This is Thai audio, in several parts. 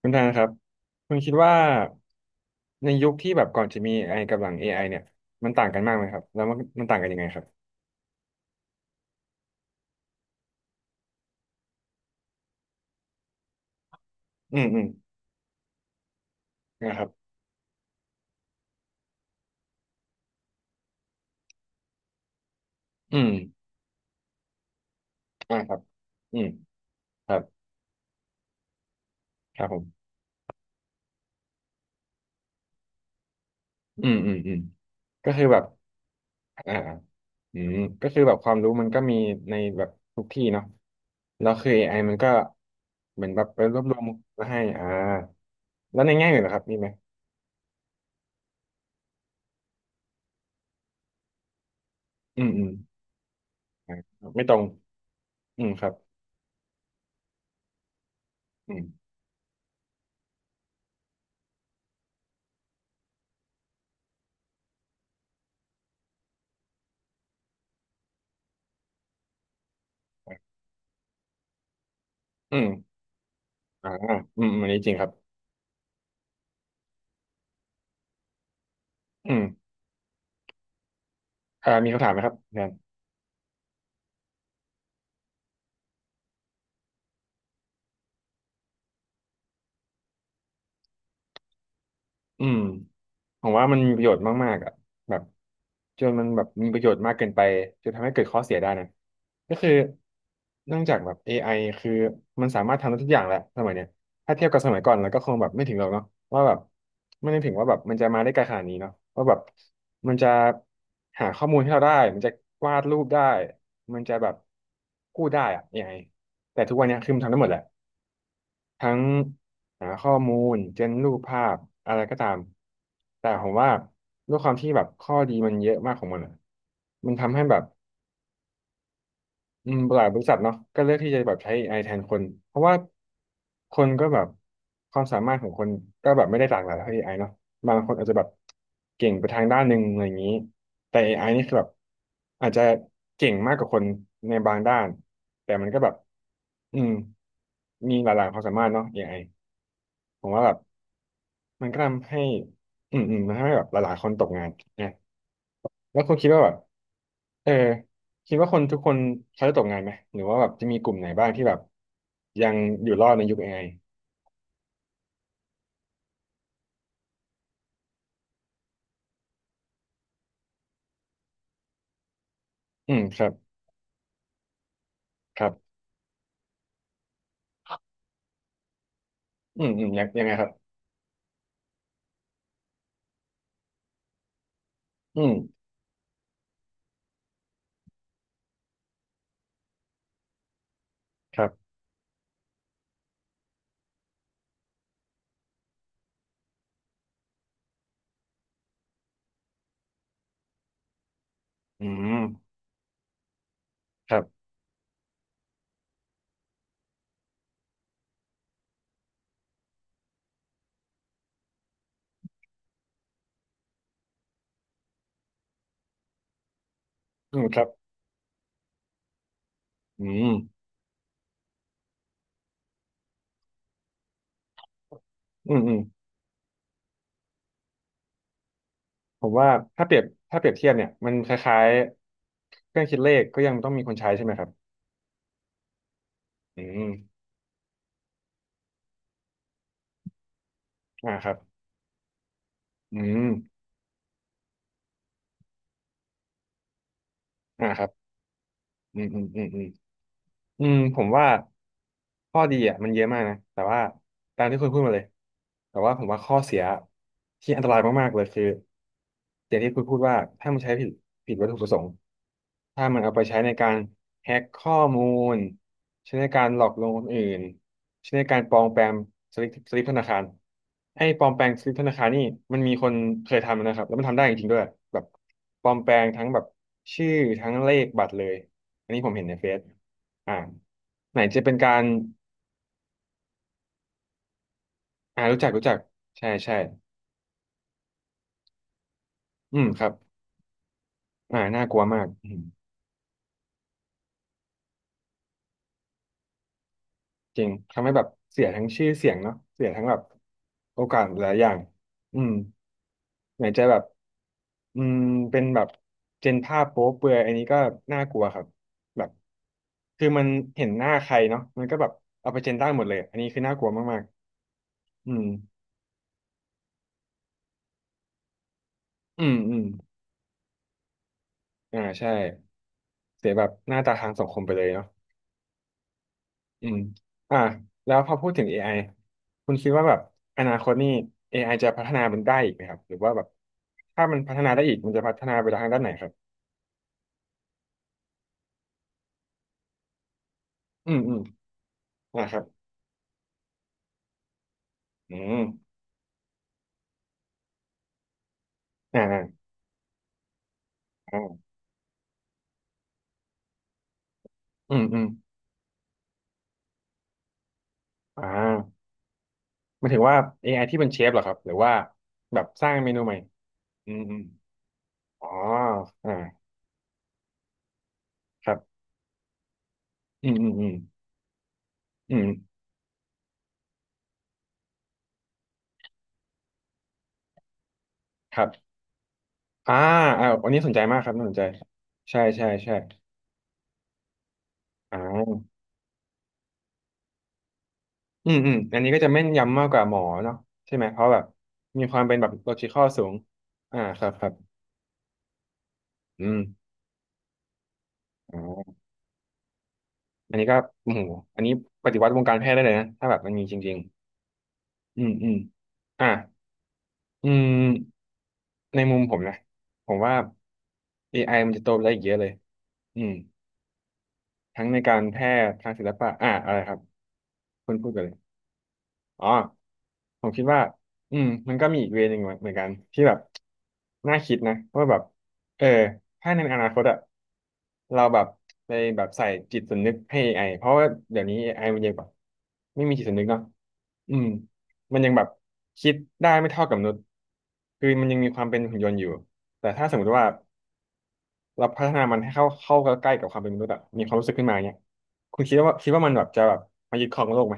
คุณทางครับคุณคิดว่าในยุคที่แบบก่อนจะมี AI กับหลัง AI เนี่ยมันต่างกันมากไหมครับแล้วมันมันต่างกันยังไงครับอืมนะครับอืมอ่าครับอืมครับครับผมอืมก็คือแบบอ่าอืมก็คือแบบความรู้มันก็มีในแบบทุกที่เนาะแล้วคือเอไอมันก็เหมือนแบบไปรวบรวมมาให้อ่าแล้วในแง่อื่นนะครับมีไหมอืมอ่าไม่ตรงอืมครับอืมอืมอ่าอืมอันนี้จริงครับอืม อ่ามีคำถามไหมครับแทนอืมผมว่ามันมีประโยชน์มากๆอ่ะแบบจนมันแบบมีประโยชน์มากเกินไปจนทำให้เกิดข้อเสียได้นะก็คือเนื่องจากแบบเอไอคือมันสามารถทำได้ทุกอย่างแหละสมัยเนี้ยถ้าเทียบกับสมัยก่อนแล้วก็คงแบบไม่ถึงหรอกเนาะว่าแบบไม่ได้ถึงว่าแบบมันจะมาได้ไกลขนาดนี้เนาะว่าแบบมันจะหาข้อมูลให้เราได้มันจะวาดรูปได้มันจะแบบพูดได้อะเอไ i แต่ทุกวันเนี้ยคือมันทำได้หมดแหละ ทั้งหาข้อมูลเจนรูปภาพอะไรก็ตามแต่ผมว่าด้วยความที่แบบข้อดีมันเยอะมากของมันอะมันทำให้แบบอืมหลายบริษัทเนาะก็เลือกที่จะแบบใช้ AI แทนคนเพราะว่าคนก็แบบความสามารถของคนก็แบบไม่ได้หลากหลายเท่า a อไอเนาะบางคนอาจจะแบบเก่งไปทางด้านหนึ่งอะไรอย่างนี้แต่ AI นี่คือแบบอาจจะเก่งมากกว่าคนในบางด้านแต่มันก็แบบอืมมีหลากหลายความสามารถเนาะ AI ผมว่าแบบ มันก็ทำให้อืมมันทำให้แบบหลายๆคนตกงานนะแล้วคุณคิดว่าแบบเออคิดว่าคนทุกคนเขาจะตกงานไหม หรือว่าแบบจะมีกลุ่มไหนบ้างที่แบบยังอยู่รอดในยุค AI อไออืมครับครับอืมยังไงครับอืมครับอืมครับอืมครับอืมอืมอืมผมว่าถ้าเปรียบถ้าเปรียบเทียบเนี่ยมันคล้ายๆเครื่องคิดเลขก็ยังต้องมีคนใช้ใช่ไหมครับอืมอ่าครับอืมอ่าครับอืม อืมผมว่าข้อดีอ่ะมันเยอะมากนะแต่ว่าตามที่คุณพูดมาเลยแต่ว่าผมว่าข้อเสียที่อันตรายมากๆเลยคืออย่างที่คุณพูดว่าถ้ามันใช้ผิดวัตถุประสงค์ถ้ามันเอาไปใช้ในการแฮ็กข้อมูลใช้ในการหลอกลวงคนอื่นใช้ในการปลอมแปลงสลิปธนาคารไอ้ปลอมแปลงสลิปธนาคารนี่มันมีคนเคยทำนะครับแล้วมันทำได้จริงๆด้วยแบบปลอมแปลงทั้งแบบชื่อทั้งเลขบัตรเลยอันนี้ผมเห็นในเฟซ อ่าไหนจะเป็นการอ่ารู้จักใช่ใช่อืมครับอ่าน่ากลัวมากอืมจริงทำให้แบบเสียทั้งชื่อเสียงเนาะเสียทั้งแบบโอกาสหลายอย่างอืมไหนจะแบบอืมเป็นแบบเจนภาพโป๊เปลือยอันนี้ก็น่ากลัวครับแบบคือมันเห็นหน้าใครเนาะมันก็แบบเอาไปเจนได้หมดเลยอันนี้คือน่ากลัวมากๆอืมอ่าใช่เสียแบบหน้าตาทางสังคมไปเลยเนาะ อืมอ่าแล้วพอพูดถึง AI คุณคิดว่าแบบอนาคตนี่ AI จะพัฒนามันได้อีกไหมครับหรือว่าแบบถ้ามันพัฒนาได้อีกมันจะพัฒนาไปทางด้านไหนครับอืมนะครับอืมอ่าอ่าอ่าอืมอ่าหมันถึงว่า AI ที่เป็นเชฟเหรอครับหรือว่าแบบสร้างเมนูใหม่อืมอ๋ออ่าครับอืมอืมอืมอืมครับอ่าอ่าวันนี้สนใจมากครับน่าสนใจใช่ใช่ใช่อ่า อืมอันนี้ก็จะแม่นยำมากกว่าหมอเนาะใช่ไหมเพราะแบบมีความเป็นแบบโลจิคอลสูงอ่าครับครับอืมอ๋ออันนี้ก็โอ้โหอันนี้ปฏิวัติวงการแพทย์ได้เลยนะถ้าแบบมันมีจริงๆอืมอ่าอืมในมุมผมนะผมว่า AI มันจะโตไปได้อีกเยอะเลยอืมทั้งในการแพทย์ทางศิลปะอ่าอะไรครับคุณพูดกันเลย อ๋อผมคิดว่าอืมมันก็มีอีกเวย์หนึ่งเหมือนเกันที่แบบน่าคิดนะว่าแบบเออถ้าในอนาคตอะเราแบบไปแบบใส่จิตสำนึกให้ AI เพราะว่าเดี๋ยวนี้ AI มันยังแบบไม่มีจิตสำนึกเนาะอืมมันยังแบบคิดได้ไม่เท่ากับมนุษย์คือมันยังมีความเป็นหุ่นยนต์อยู่แต่ถ้าสมมติว่าเราพัฒนามันให้เข้าใกล้กับความเป็นมนุษย์อะมีความรู้สึกขึ้นมาเนี่ยคุณคิดว่ามันแบบจะแบบมายึดครองโลกไหม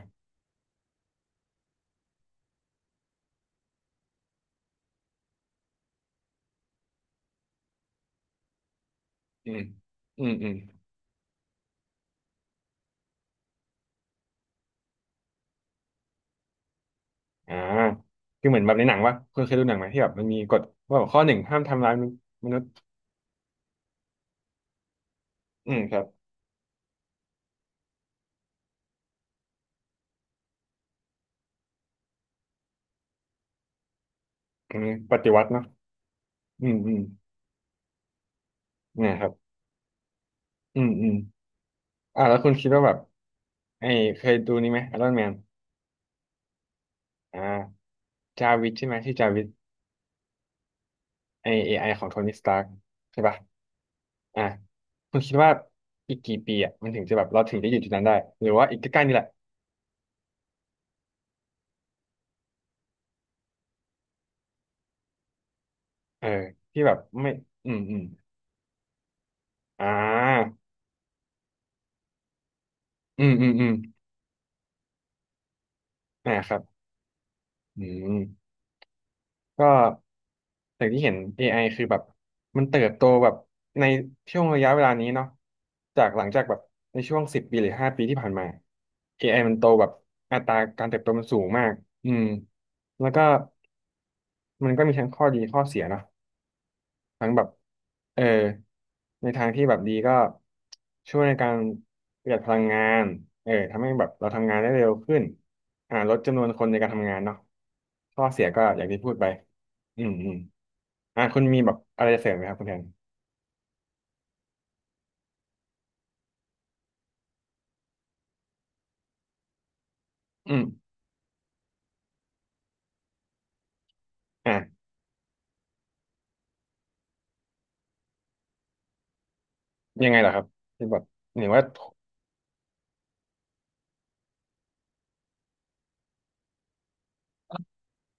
อืมอืมอืม อ่าคือเหมือนแบบในหนังว่คุณเคยดูหนังไหมที่แบบมันมีกฎว่าแบบข้อหนึ่งห้ามทำร้ายมนุษย์อืมครับอันนี้ปฏิวัติเนาะอืมอืมเนี่ยครับอืมอืมแล้วคุณคิดว่าแบบไอ้เคยดูนี่ไหมไอรอนแมนอ่าจาวิสใช่ไหมที่อจาวิสไอเอไอของโทนี่สตาร์กใช่ป่ะอ่าคุณคิดว่าอีกกี่ปีอ่ะมันถึงจะแบบเราถึงจะอยู่จุดนั้นได้หรือว่าอีกใกล้ๆนี่แหละเออที่แบบไม่ อืมอืมอ่าอืมอืมอืมครับอืม ก็อย่างที่เห็น AI คือแบบมันเติบโตแบบในช่วงระยะเวลานี้เนาะจากหลังจากแบบในช่วง10 ปีหรือ5 ปีที่ผ่านมา AI มันโตแบบอัตราการเติบโตมันสูงมากอืมแล้วก็มันก็มีทั้งข้อดีข้อเสียเนาะ ทั้งแบบเออในทางที่แบบดีก็ช่วยในการประหยัดพลังงานเออทำให้แบบเราทำงานได้เร็วขึ้นลดจำนวนคนในการทำงานเนาะข้อเสียก็อย่างที่พูดไปอืมอืมคุณมีแบบอะไรจะเสริมไหมครับคุณแทนอืมอ่ะยังไงเหรอครับคือแบบหรืว่า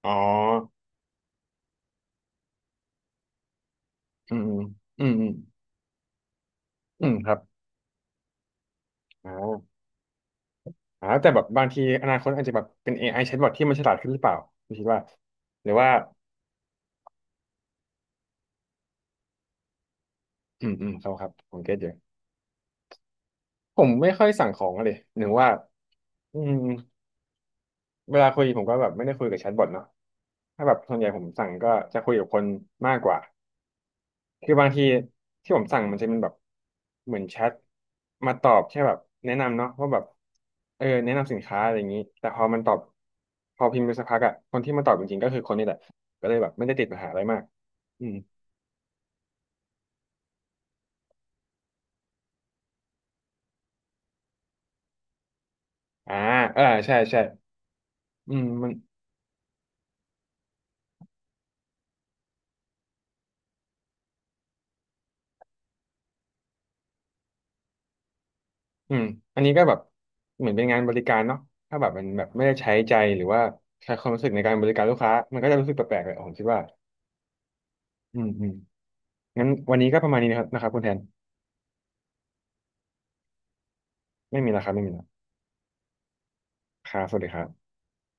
อ๋ออืมอืมอืมอืมครับอ๋ออ๋อแต่แบบบางทีอนาคตอาจจะแบบเป็น AI แชทบอทที่มันฉลาดขึ้นหรือเปล่าคุณคิดว่าหรือว่าอืมอืมครับครับผมเก็ตอยู่ ผมไม่ค่อยสั่งของอะเลยหนึ่งว่าอืมเวลาคุยผมก็แบบไม่ได้คุยกับแชทบอทเนาะถ้าแบบส่วนใหญ่ผมสั่งก็จะคุยกับคนมากกว่าคือบางทีที่ผมสั่งมันจะเป็นแบบเหมือนแชทมาตอบแค่แบบแนะนำเนาะว่าแบบเออแนะนำสินค้าอะไรอย่างนี้แต่พอมันตอบพอพิมพ์ไปสักพักอะคนที่มาตอบจริงๆก็คือคนนี่แหละก็เลยแบบไม่ได้ติดปัญหาอะไรมากอืมอ่าเออใช่ใช่อืมมัน อืมอันนี้ก็แบบเหมือนเป็นงานบริการเนาะถ้าแบบมันแบบไม่ได้ใช้ใจหรือว่าใช้ความรู้สึกในการบริการลูกค้า มันก็จะรู้สึกแปลกๆเลยผมคิดว่าอืมอืมงั้นวันนี้ก็ประมาณนี้นะครับนะครับคุณแทน ไม่มีแล้วครับไม่มีแล้วครับสวัสดีครับ